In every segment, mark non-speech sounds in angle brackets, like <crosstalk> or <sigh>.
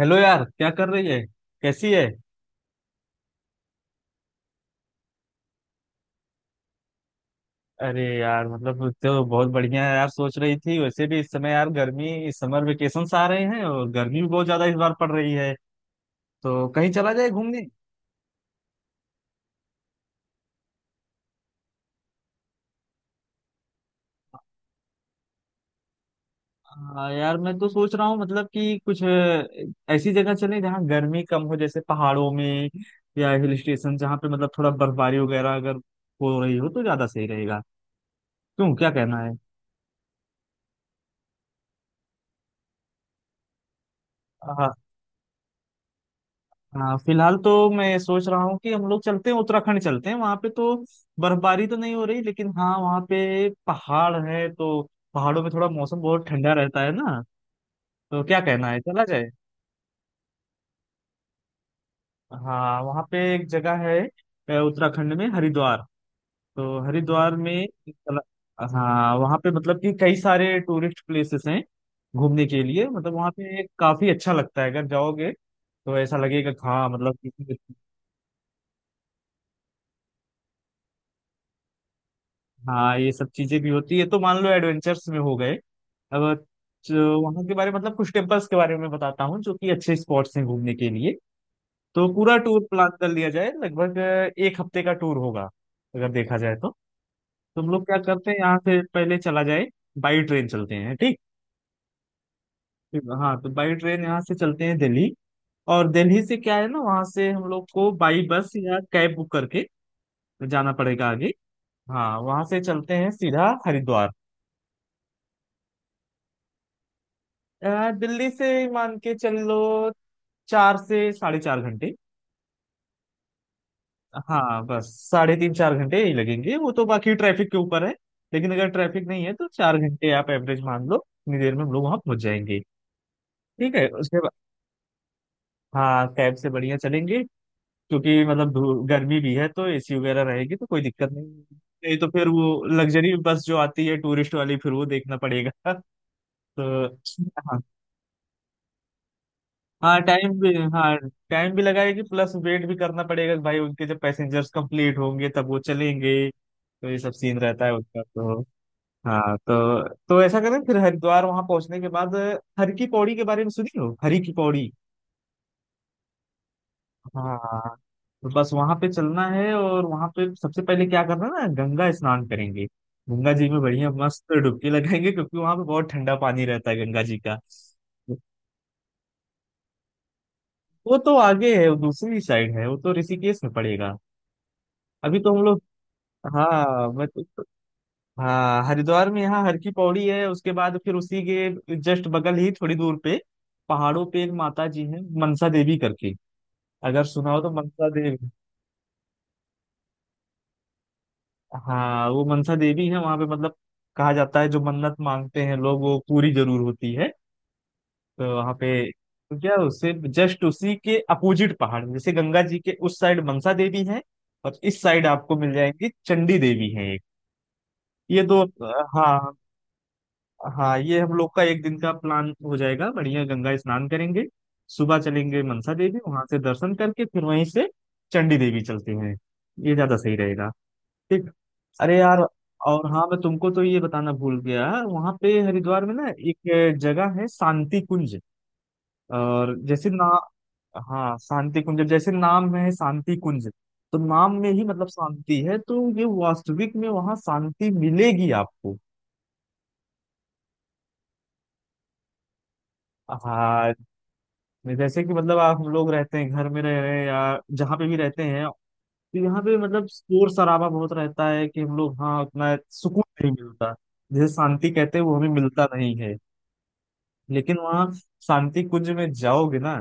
Hello यार, क्या कर रही है? कैसी है? अरे यार, मतलब तो बहुत बढ़िया है यार। सोच रही थी, वैसे भी इस समय यार गर्मी, इस समर वेकेशन आ रहे हैं और गर्मी भी बहुत ज्यादा इस बार पड़ रही है, तो कहीं चला जाए घूमने। हाँ यार, मैं तो सोच रहा हूँ मतलब कि कुछ ऐसी जगह चले जहाँ गर्मी कम हो, जैसे पहाड़ों में। या हिल स्टेशन, जहाँ पे मतलब थोड़ा बर्फबारी वगैरह अगर हो रही हो तो ज्यादा सही रहेगा। क्यों, क्या कहना है? हाँ, फिलहाल तो मैं सोच रहा हूँ कि हम लोग चलते हैं उत्तराखंड, चलते हैं वहां पे तो बर्फबारी तो नहीं हो रही, लेकिन हाँ वहाँ पे पहाड़ है तो पहाड़ों में थोड़ा मौसम बहुत ठंडा रहता है ना। तो क्या कहना है, चला जाए? हाँ वहाँ पे एक जगह है, उत्तराखंड में हरिद्वार। तो हरिद्वार में हाँ वहाँ पे मतलब कि कई सारे टूरिस्ट प्लेसेस हैं घूमने के लिए। मतलब वहाँ पे काफी अच्छा लगता है, अगर जाओगे तो ऐसा लगेगा कि हाँ मतलब। हाँ ये सब चीजें भी होती है तो मान लो एडवेंचर्स में हो गए। अब जो वहाँ के बारे में मतलब कुछ टेम्पल्स के बारे में बताता हूँ जो कि अच्छे स्पॉट्स हैं घूमने के लिए, तो पूरा टूर प्लान कर लिया जाए। लगभग एक हफ्ते का टूर होगा अगर देखा जाए तो। तुम लोग क्या करते हैं? यहाँ से पहले चला जाए, बाई ट्रेन चलते हैं, ठीक। हाँ तो बाई ट्रेन यहाँ से चलते हैं दिल्ली, और दिल्ली से क्या है ना, वहाँ से हम लोग को बाई बस या कैब बुक करके जाना पड़ेगा आगे। हाँ वहाँ से चलते हैं सीधा हरिद्वार। यार दिल्ली से मान के चल लो 4 से 4.5 घंटे। हाँ बस 3.5-4 घंटे यही लगेंगे, वो तो बाकी ट्रैफिक के ऊपर है। लेकिन अगर ट्रैफिक नहीं है तो 4 घंटे आप एवरेज मान लो, इतनी देर में हम लोग वहां पहुंच जाएंगे। ठीक है, उसके बाद। हाँ कैब से बढ़िया चलेंगे, क्योंकि मतलब गर्मी भी है तो एसी वगैरह रहेगी तो कोई दिक्कत नहीं होगी। नहीं तो फिर वो लग्जरी बस जो आती है टूरिस्ट वाली, फिर वो देखना पड़ेगा। <laughs> तो हाँ, हाँ टाइम भी, हाँ टाइम भी लगाएगी, प्लस वेट भी करना पड़ेगा कि भाई उनके जब पैसेंजर्स कंप्लीट होंगे तब वो चलेंगे, तो ये सब सीन रहता है उनका तो। हाँ तो ऐसा करें फिर हरिद्वार वहां पहुंचने के बाद। हर की पौड़ी के बारे में सुनी हो? हरी की पौड़ी। हाँ तो बस वहां पे चलना है और वहां पे सबसे पहले क्या करना है ना, गंगा स्नान करेंगे। गंगा जी में बढ़िया मस्त डुबकी लगाएंगे क्योंकि वहां पे बहुत ठंडा पानी रहता है गंगा जी का। वो तो आगे है, वो दूसरी साइड है, वो तो ऋषिकेश में पड़ेगा। अभी तो हम लोग, हाँ मैं तो। हाँ हरिद्वार में यहाँ हर की पौड़ी है, उसके बाद फिर उसी के जस्ट बगल ही थोड़ी दूर पे पहाड़ों पे एक माता जी हैं, मनसा देवी करके। अगर सुना हो तो, मनसा देवी। हाँ वो मनसा देवी है, वहाँ पे मतलब कहा जाता है जो मन्नत मांगते हैं लोग वो पूरी जरूर होती है। तो वहाँ पे तो क्या, उससे जस्ट उसी के अपोजिट पहाड़, जैसे गंगा जी के उस साइड मनसा देवी है और इस साइड आपको मिल जाएंगी चंडी देवी है एक, ये दो। हाँ हाँ, ये हम लोग का एक दिन का प्लान हो जाएगा। बढ़िया गंगा स्नान करेंगे, सुबह चलेंगे मनसा देवी, वहां से दर्शन करके फिर वहीं से चंडी देवी चलते हैं। ये ज्यादा सही रहेगा। ठीक। अरे यार, और हाँ मैं तुमको तो ये बताना भूल गया, वहां पे हरिद्वार में ना एक जगह है शांति कुंज। और जैसे ना, हाँ शांति कुंज, जैसे नाम में है शांति कुंज, तो नाम में ही मतलब शांति है, तो ये वास्तविक में वहां शांति मिलेगी आपको। हाँ मैं जैसे कि मतलब, आप हम लोग रहते हैं घर में, रह रहे हैं या जहाँ पे भी रहते हैं, तो यहाँ पे मतलब शोर शराबा बहुत रहता है कि हम लोग, हाँ उतना सुकून नहीं मिलता। जैसे शांति कहते हैं वो हमें मिलता नहीं है। लेकिन वहाँ शांति कुंज में जाओगे ना,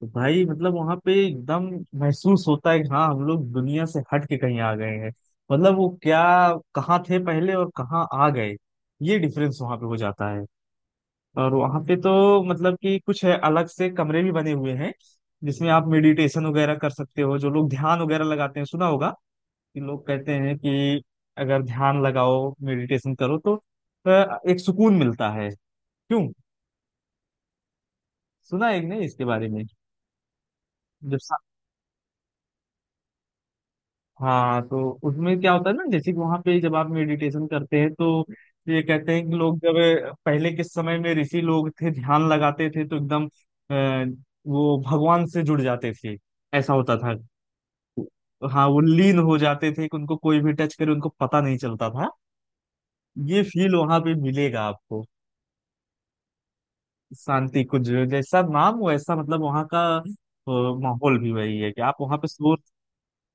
तो भाई मतलब वहाँ पे एकदम महसूस होता है कि हाँ हम लोग दुनिया से हट के कहीं आ गए हैं। मतलब वो क्या, कहाँ थे पहले और कहाँ आ गए, ये डिफरेंस वहाँ पे हो जाता है। और वहां पे तो मतलब कि कुछ है, अलग से कमरे भी बने हुए हैं जिसमें आप मेडिटेशन वगैरह कर सकते हो। जो लोग ध्यान वगैरह लगाते हैं, सुना होगा कि लोग कहते हैं कि अगर ध्यान लगाओ मेडिटेशन करो तो एक सुकून मिलता है। क्यों, सुना है कि नहीं इसके बारे में? जब सा- हाँ तो उसमें क्या होता है ना, जैसे कि वहां पे जब आप मेडिटेशन करते हैं तो ये कहते हैं कि लोग जब पहले के समय में ऋषि लोग थे ध्यान लगाते थे तो एकदम अ, वो भगवान से जुड़ जाते थे। ऐसा होता था। हाँ वो लीन हो जाते थे कि उनको कोई भी टच करे उनको पता नहीं चलता था। ये फील वहां पे मिलेगा आपको। शांति कुछ, जैसा नाम वैसा, मतलब वहां का माहौल भी वही है कि आप वहां पे शोर,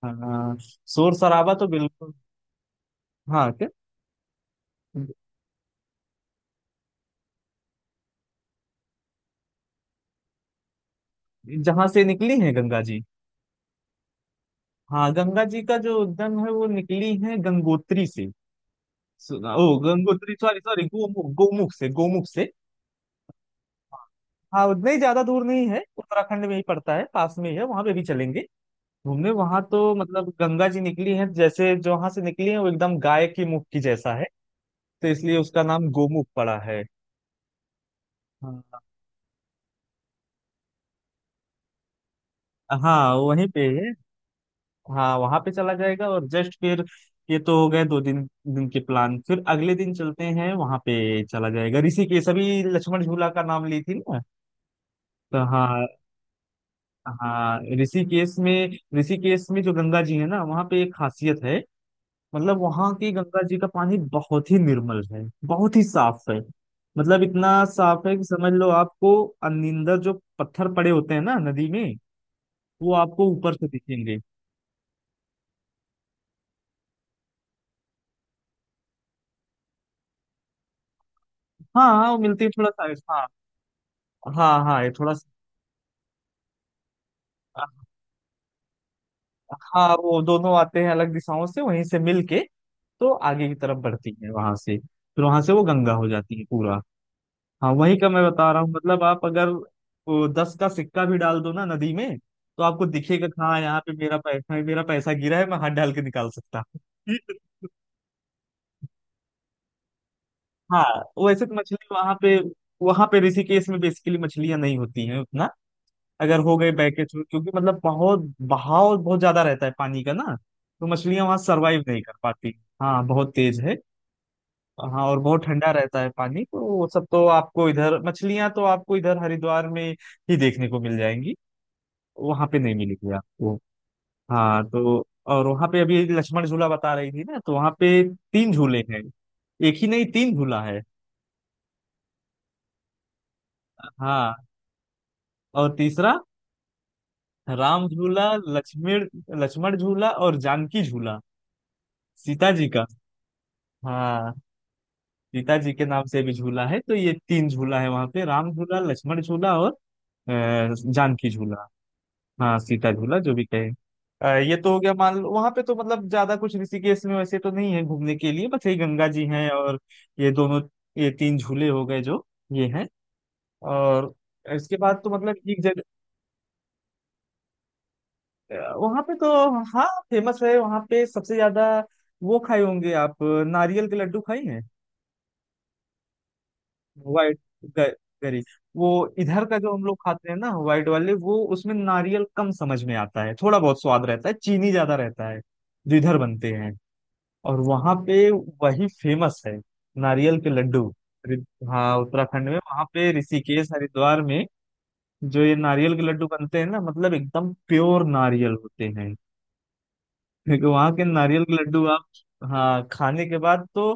हाँ, शोर शराबा तो बिल्कुल। हाँ क्या? जहां से निकली है गंगा जी? हाँ गंगा जी का जो उद्गम है वो निकली है गंगोत्री से, ओ गंगोत्री, सॉरी सॉरी, गोमुख, गोमुख से, गोमुख से। हाँ उतना ही ज्यादा दूर नहीं है, उत्तराखंड में ही पड़ता है, पास में ही है, वहां पे भी चलेंगे घूमने। वहां तो मतलब गंगा जी निकली हैं, जैसे जहां से निकली है वो एकदम गाय की मुख की जैसा है, तो इसलिए उसका नाम गोमुख पड़ा है। हाँ हाँ वहीं पे है। हाँ वहां पे चला जाएगा और जस्ट फिर, ये तो हो गए 2 दिन। दिन के प्लान फिर अगले दिन चलते हैं वहां पे, चला जाएगा ऋषिकेश। अभी लक्ष्मण झूला का नाम ली थी ना, तो हाँ। हाँ ऋषिकेश में, ऋषिकेश में जो गंगा जी है ना वहाँ पे एक खासियत है। मतलब वहां की गंगा जी का पानी बहुत ही निर्मल है, बहुत ही साफ है। मतलब इतना साफ है कि समझ लो आपको अनिंदर जो पत्थर पड़े होते हैं ना नदी में, वो आपको ऊपर से दिखेंगे। हाँ हाँ वो मिलते हैं थोड़ा सा। हाँ हाँ हाँ ये थोड़ा सा। हाँ वो दोनों आते हैं अलग दिशाओं से, वहीं से मिल के तो आगे की तरफ बढ़ती है वहां से, फिर वहां से वो गंगा हो जाती है पूरा। हाँ वही का मैं बता रहा हूँ, मतलब आप अगर वो 10 का सिक्का भी डाल दो ना नदी में तो आपको दिखेगा कि हाँ यहाँ पे मेरा पैसा, मेरा पैसा गिरा है, मैं हाथ डाल के निकाल सकता हूँ। <laughs> हाँ वैसे तो मछली वहां पे, ऋषिकेश में बेसिकली मछलियां नहीं होती हैं उतना। अगर हो गए बैकेज में, क्योंकि मतलब बहुत बहाव बहुत ज्यादा रहता है पानी का ना, तो मछलियां वहां सरवाइव नहीं कर पाती। हाँ बहुत तेज है। हाँ और बहुत ठंडा रहता है पानी, तो वो सब तो आपको इधर, मछलियां तो आपको इधर हरिद्वार में ही देखने को मिल जाएंगी, वहां पे नहीं मिली थी आपको। हाँ तो और वहां पे अभी लक्ष्मण झूला बता रही थी ना, तो वहां पे तीन झूले हैं। एक ही नहीं, तीन झूला है। हाँ और तीसरा, राम झूला, लक्ष्मण लक्ष्मण झूला और जानकी झूला, सीता जी का। हाँ सीता जी के नाम से भी झूला है, तो ये तीन झूला है वहां पे, राम झूला, लक्ष्मण झूला और जानकी झूला। हाँ सीता झूला, जो भी कहे। ये तो हो गया, मान लो वहां पे तो मतलब ज्यादा कुछ ऋषिकेश में वैसे तो नहीं है घूमने के लिए, बस यही गंगा जी हैं और ये दोनों, ये तीन झूले हो गए जो ये हैं। और इसके बाद तो मतलब एक जगह। वहां पे तो हाँ फेमस है, वहां पे सबसे ज्यादा, वो खाए होंगे आप, नारियल के लड्डू खाई हैं, वाइट गरी, वो। इधर का जो हम लोग खाते हैं ना वाइट वाले, वो उसमें नारियल कम समझ में आता है, थोड़ा बहुत स्वाद रहता है, चीनी ज्यादा रहता है जो इधर बनते हैं। और वहां पे वही फेमस है, नारियल के लड्डू। रि- हाँ उत्तराखंड में वहां पे, ऋषिकेश हरिद्वार में जो ये नारियल के लड्डू बनते हैं ना, मतलब एकदम प्योर नारियल होते हैं। क्योंकि वहां के नारियल के लड्डू आप, हाँ, खाने के बाद तो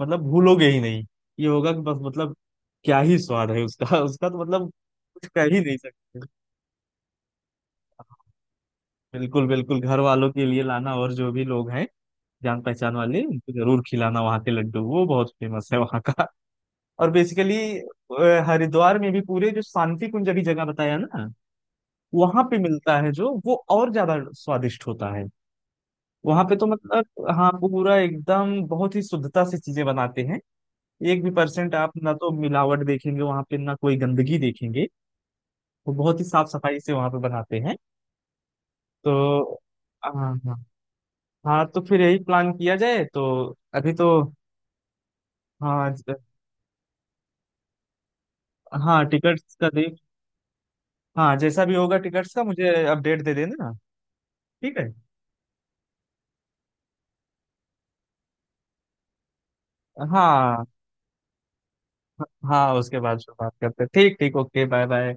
मतलब भूलोगे ही नहीं। ये होगा कि बस मतलब, क्या ही स्वाद है उसका। <laughs> उसका तो मतलब कुछ कह ही नहीं सकते। बिल्कुल बिल्कुल, घर वालों के लिए लाना और जो भी लोग हैं जान पहचान वाले उनको जरूर खिलाना वहाँ के लड्डू, वो बहुत फेमस है वहाँ का। और बेसिकली हरिद्वार में भी पूरे, जो शांति कुंज अभी जगह बताया ना, वहां पे मिलता है जो वो और ज्यादा स्वादिष्ट होता है। वहां पे तो मतलब हाँ पूरा एकदम बहुत ही शुद्धता से चीजें बनाते हैं। एक भी परसेंट आप ना तो मिलावट देखेंगे वहां पे, ना कोई गंदगी देखेंगे, वो बहुत ही साफ सफाई से वहां पे बनाते हैं। तो हाँ हाँ। हाँ तो फिर यही प्लान किया जाए, तो अभी तो हाँ, हाँ टिकट्स का देख। हाँ जैसा भी होगा टिकट्स का मुझे अपडेट दे देना। ठीक है। हाँ हाँ, उसके बाद फिर बात करते हैं। ठीक ठीक, ओके बाय बाय।